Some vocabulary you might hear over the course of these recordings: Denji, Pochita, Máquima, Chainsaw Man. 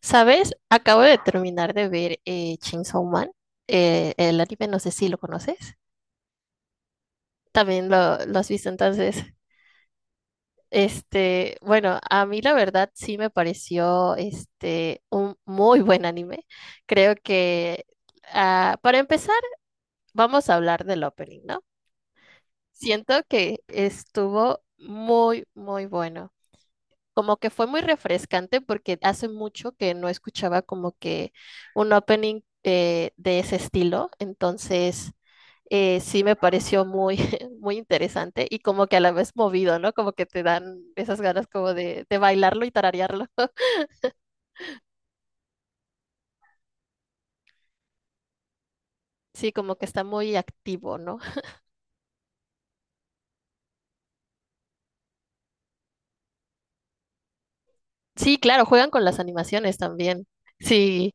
¿Sabes? Acabo de terminar de ver Chainsaw Man, el anime, no sé si lo conoces. También lo has visto entonces. Bueno, a mí la verdad sí me pareció un muy buen anime. Creo que para empezar vamos a hablar del opening, ¿no? Siento que estuvo muy, muy bueno. Como que fue muy refrescante porque hace mucho que no escuchaba como que un opening de ese estilo, entonces sí me pareció muy, muy interesante y como que a la vez movido, ¿no? Como que te dan esas ganas como de bailarlo y tararearlo. Sí, como que está muy activo, ¿no? Sí, claro, juegan con las animaciones también. Sí.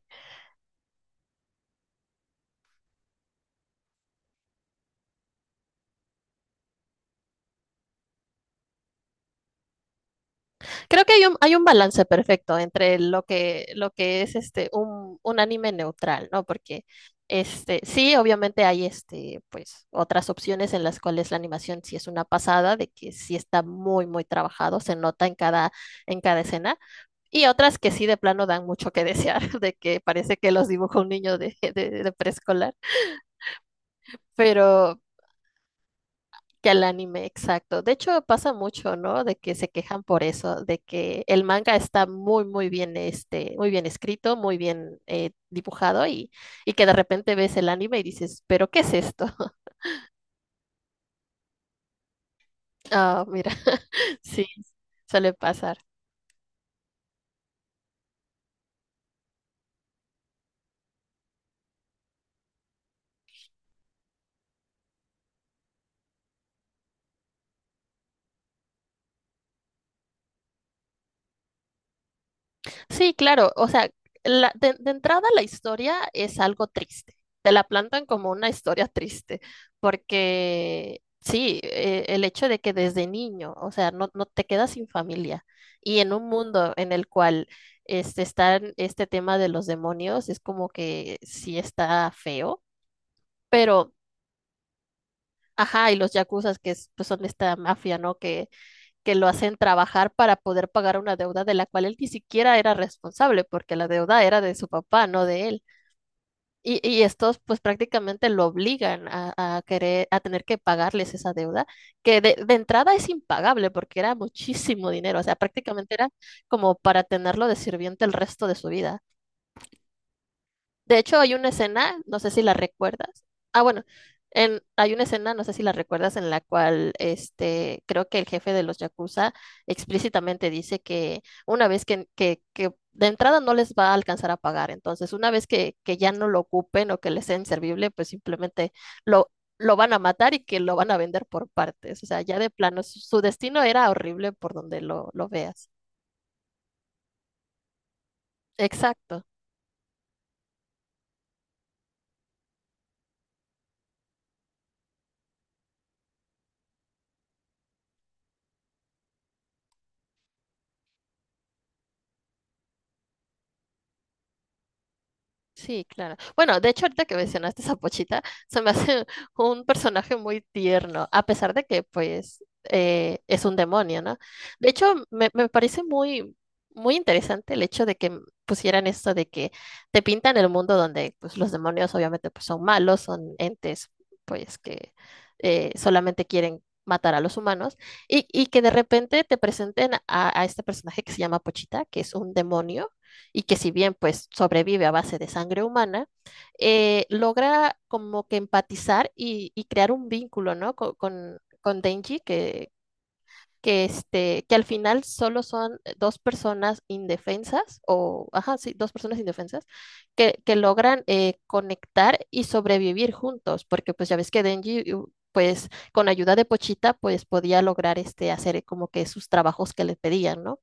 Creo que hay hay un balance perfecto entre lo que es un anime neutral, ¿no? Porque sí, obviamente hay pues, otras opciones en las cuales la animación sí es una pasada, de que sí está muy, muy trabajado, se nota en en cada escena, y otras que sí de plano dan mucho que desear, de que parece que los dibujó un niño de preescolar. Pero, que al anime, exacto. De hecho, pasa mucho, ¿no? De que se quejan por eso, de que el manga está muy, muy bien, muy bien escrito, muy bien dibujado, y que de repente ves el anime y dices, ¿pero qué es esto? Ah, mira, sí, suele pasar. Sí, claro, o sea, de entrada la historia es algo triste, te la plantan como una historia triste, porque sí, el hecho de que desde niño, o sea, no, no te quedas sin familia y en un mundo en el cual están tema de los demonios, es como que sí está feo, pero, ajá, y los yakuzas pues son esta mafia, ¿no? Que lo hacen trabajar para poder pagar una deuda de la cual él ni siquiera era responsable, porque la deuda era de su papá, no de él. Y estos pues prácticamente lo obligan a querer, a tener que pagarles esa deuda, que de entrada es impagable porque era muchísimo dinero, o sea, prácticamente era como para tenerlo de sirviente el resto de su vida. De hecho, hay una escena, no sé si la recuerdas. Ah, bueno, hay una escena, no sé si la recuerdas, en la cual creo que el jefe de los Yakuza explícitamente dice que una vez que de entrada no les va a alcanzar a pagar, entonces una vez que ya no lo ocupen o que les sea inservible, pues simplemente lo, lo van a matar y que lo van a vender por partes. O sea, ya de plano, su destino era horrible por donde lo veas. Exacto. Sí, claro. Bueno, de hecho, ahorita que mencionaste esa pochita, se me hace un personaje muy tierno, a pesar de que, pues, es un demonio, ¿no? De hecho, me parece muy, muy interesante el hecho de que pusieran esto de que te pintan el mundo donde, pues, los demonios obviamente, pues, son malos, son entes, pues, que solamente quieren matar a los humanos, y que de repente te presenten a este personaje que se llama Pochita, que es un demonio y que si bien pues sobrevive a base de sangre humana, logra como que empatizar y crear un vínculo, ¿no? Con con Denji, que, que al final solo son dos personas indefensas, o, ajá, sí, dos personas indefensas, que logran conectar y sobrevivir juntos, porque pues ya ves que Denji... pues con ayuda de Pochita, pues podía lograr hacer como que sus trabajos que le pedían, ¿no?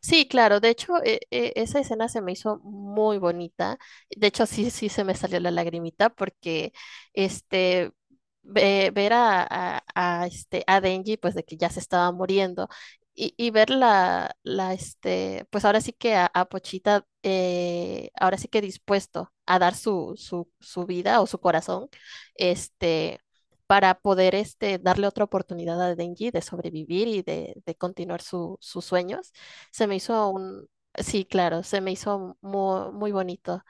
Sí, claro, de hecho, esa escena se me hizo muy bonita. De hecho, sí, sí se me salió la lagrimita porque este ver a, a, a Denji, pues de que ya se estaba muriendo, y ver la pues ahora sí que a Pochita, ahora sí que dispuesto a dar su, su, su vida o su corazón, este para poder darle otra oportunidad a Denji de sobrevivir y de continuar sus sueños. Se me hizo un, sí, claro, se me hizo muy, muy bonito.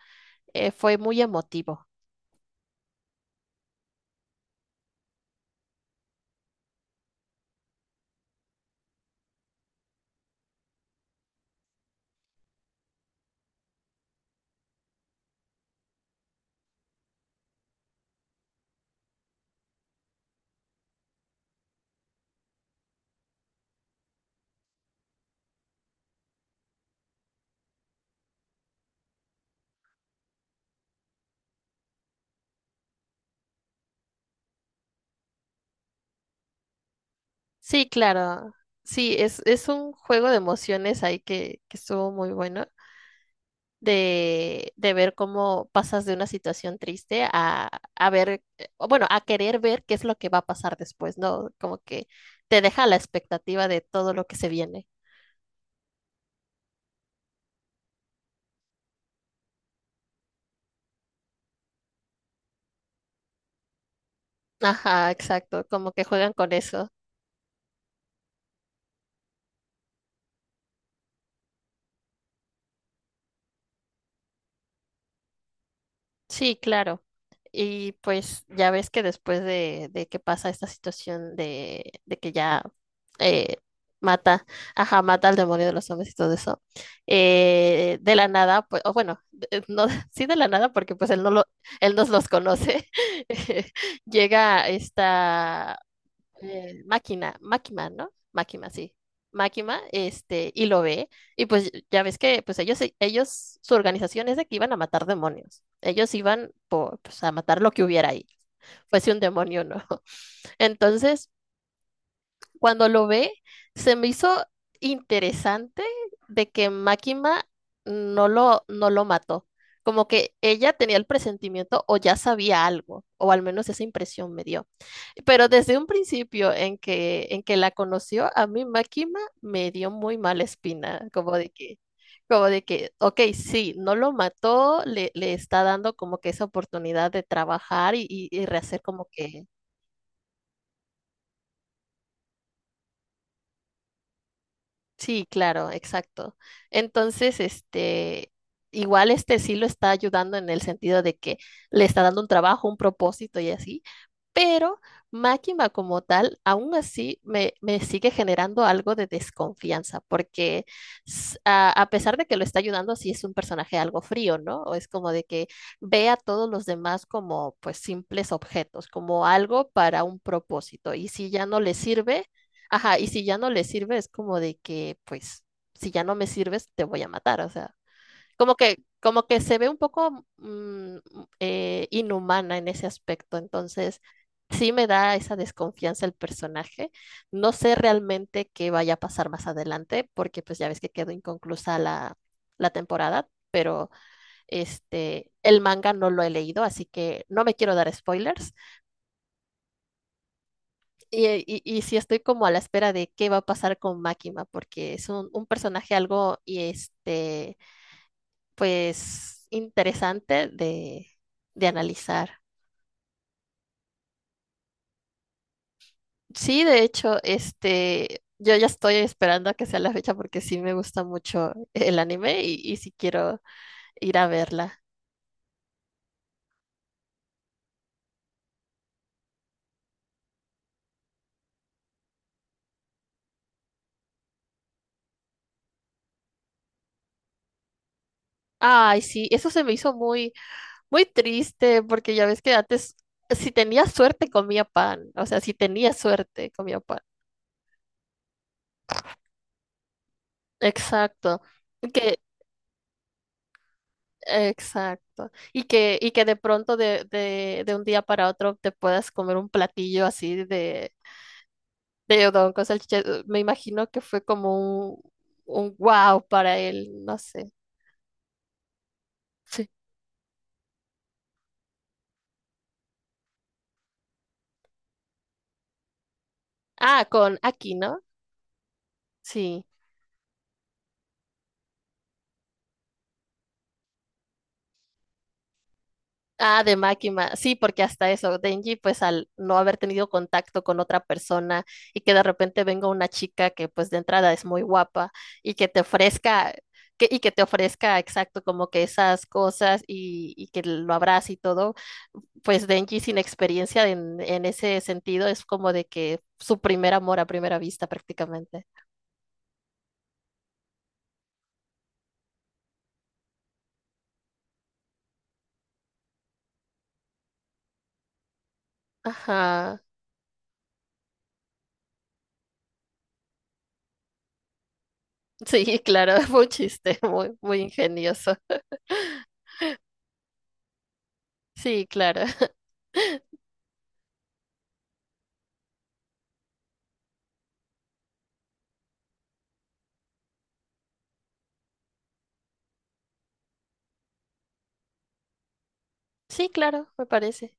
Fue muy emotivo. Sí, claro. Sí, es un juego de emociones ahí que estuvo muy bueno. De ver cómo pasas de una situación triste a ver, o bueno, a querer ver qué es lo que va a pasar después, ¿no? Como que te deja la expectativa de todo lo que se viene. Ajá, exacto, como que juegan con eso. Sí, claro. Y pues ya ves que después de que pasa esta situación de que ya eh, mata, ajá, mata al demonio de los hombres y todo eso, de la nada, pues, o bueno, no, sí de la nada, porque pues él no lo, él nos los conoce, llega esta Máquina, Máquima ¿no? Máquima sí. Máquima y lo ve, y pues ya ves que pues ellos, su organización es de que iban a matar demonios. Ellos iban por, pues, a matar lo que hubiera ahí, fuese un demonio, ¿no? Entonces, cuando lo ve, se me hizo interesante de que Máquina no lo mató. Como que ella tenía el presentimiento o ya sabía algo, o al menos esa impresión me dio. Pero desde un principio en que la conoció, a mí Máquina me dio muy mala espina, como de que, ok, sí, no lo mató, le está dando como que esa oportunidad de trabajar y rehacer como que sí, claro, exacto. Entonces, igual sí lo está ayudando en el sentido de que le está dando un trabajo, un propósito y así, pero Máquina como tal, aún así me, me sigue generando algo de desconfianza, porque a pesar de que lo está ayudando, sí es un personaje algo frío, ¿no? O es como de que ve a todos los demás como pues simples objetos, como algo para un propósito, y si ya no le sirve. Ajá, y si ya no le sirve, es como de que, pues, si ya no me sirves, te voy a matar. O sea, como que se ve un poco inhumana en ese aspecto. Entonces, sí me da esa desconfianza el personaje. No sé realmente qué vaya a pasar más adelante, porque pues ya ves que quedó inconclusa la, la temporada, pero el manga no lo he leído, así que no me quiero dar spoilers. Y sí estoy como a la espera de qué va a pasar con Máquina, porque es un personaje algo y pues interesante de analizar. Sí, de hecho, yo ya estoy esperando a que sea la fecha porque sí me gusta mucho el anime y sí quiero ir a verla. Ay, sí, eso se me hizo muy, muy triste porque ya ves que antes, si tenía suerte, comía pan. O sea, si tenía suerte, comía pan. Exacto. Que exacto. Y que de pronto de un día para otro te puedas comer un platillo así de udon con salchicha. Me imagino que fue como un wow para él, no sé. Sí. Ah, con aquí, ¿no? Sí. Ah, de Máquina, sí, porque hasta eso, Denji, pues al no haber tenido contacto con otra persona y que de repente venga una chica que pues de entrada es muy guapa y que te ofrezca, que, y que te ofrezca exacto como que esas cosas y que lo abrace y todo, pues Denji sin experiencia en ese sentido es como de que su primer amor a primera vista prácticamente. Ajá, sí, claro, fue un chiste muy, muy ingenioso. Sí, claro, sí, claro, me parece.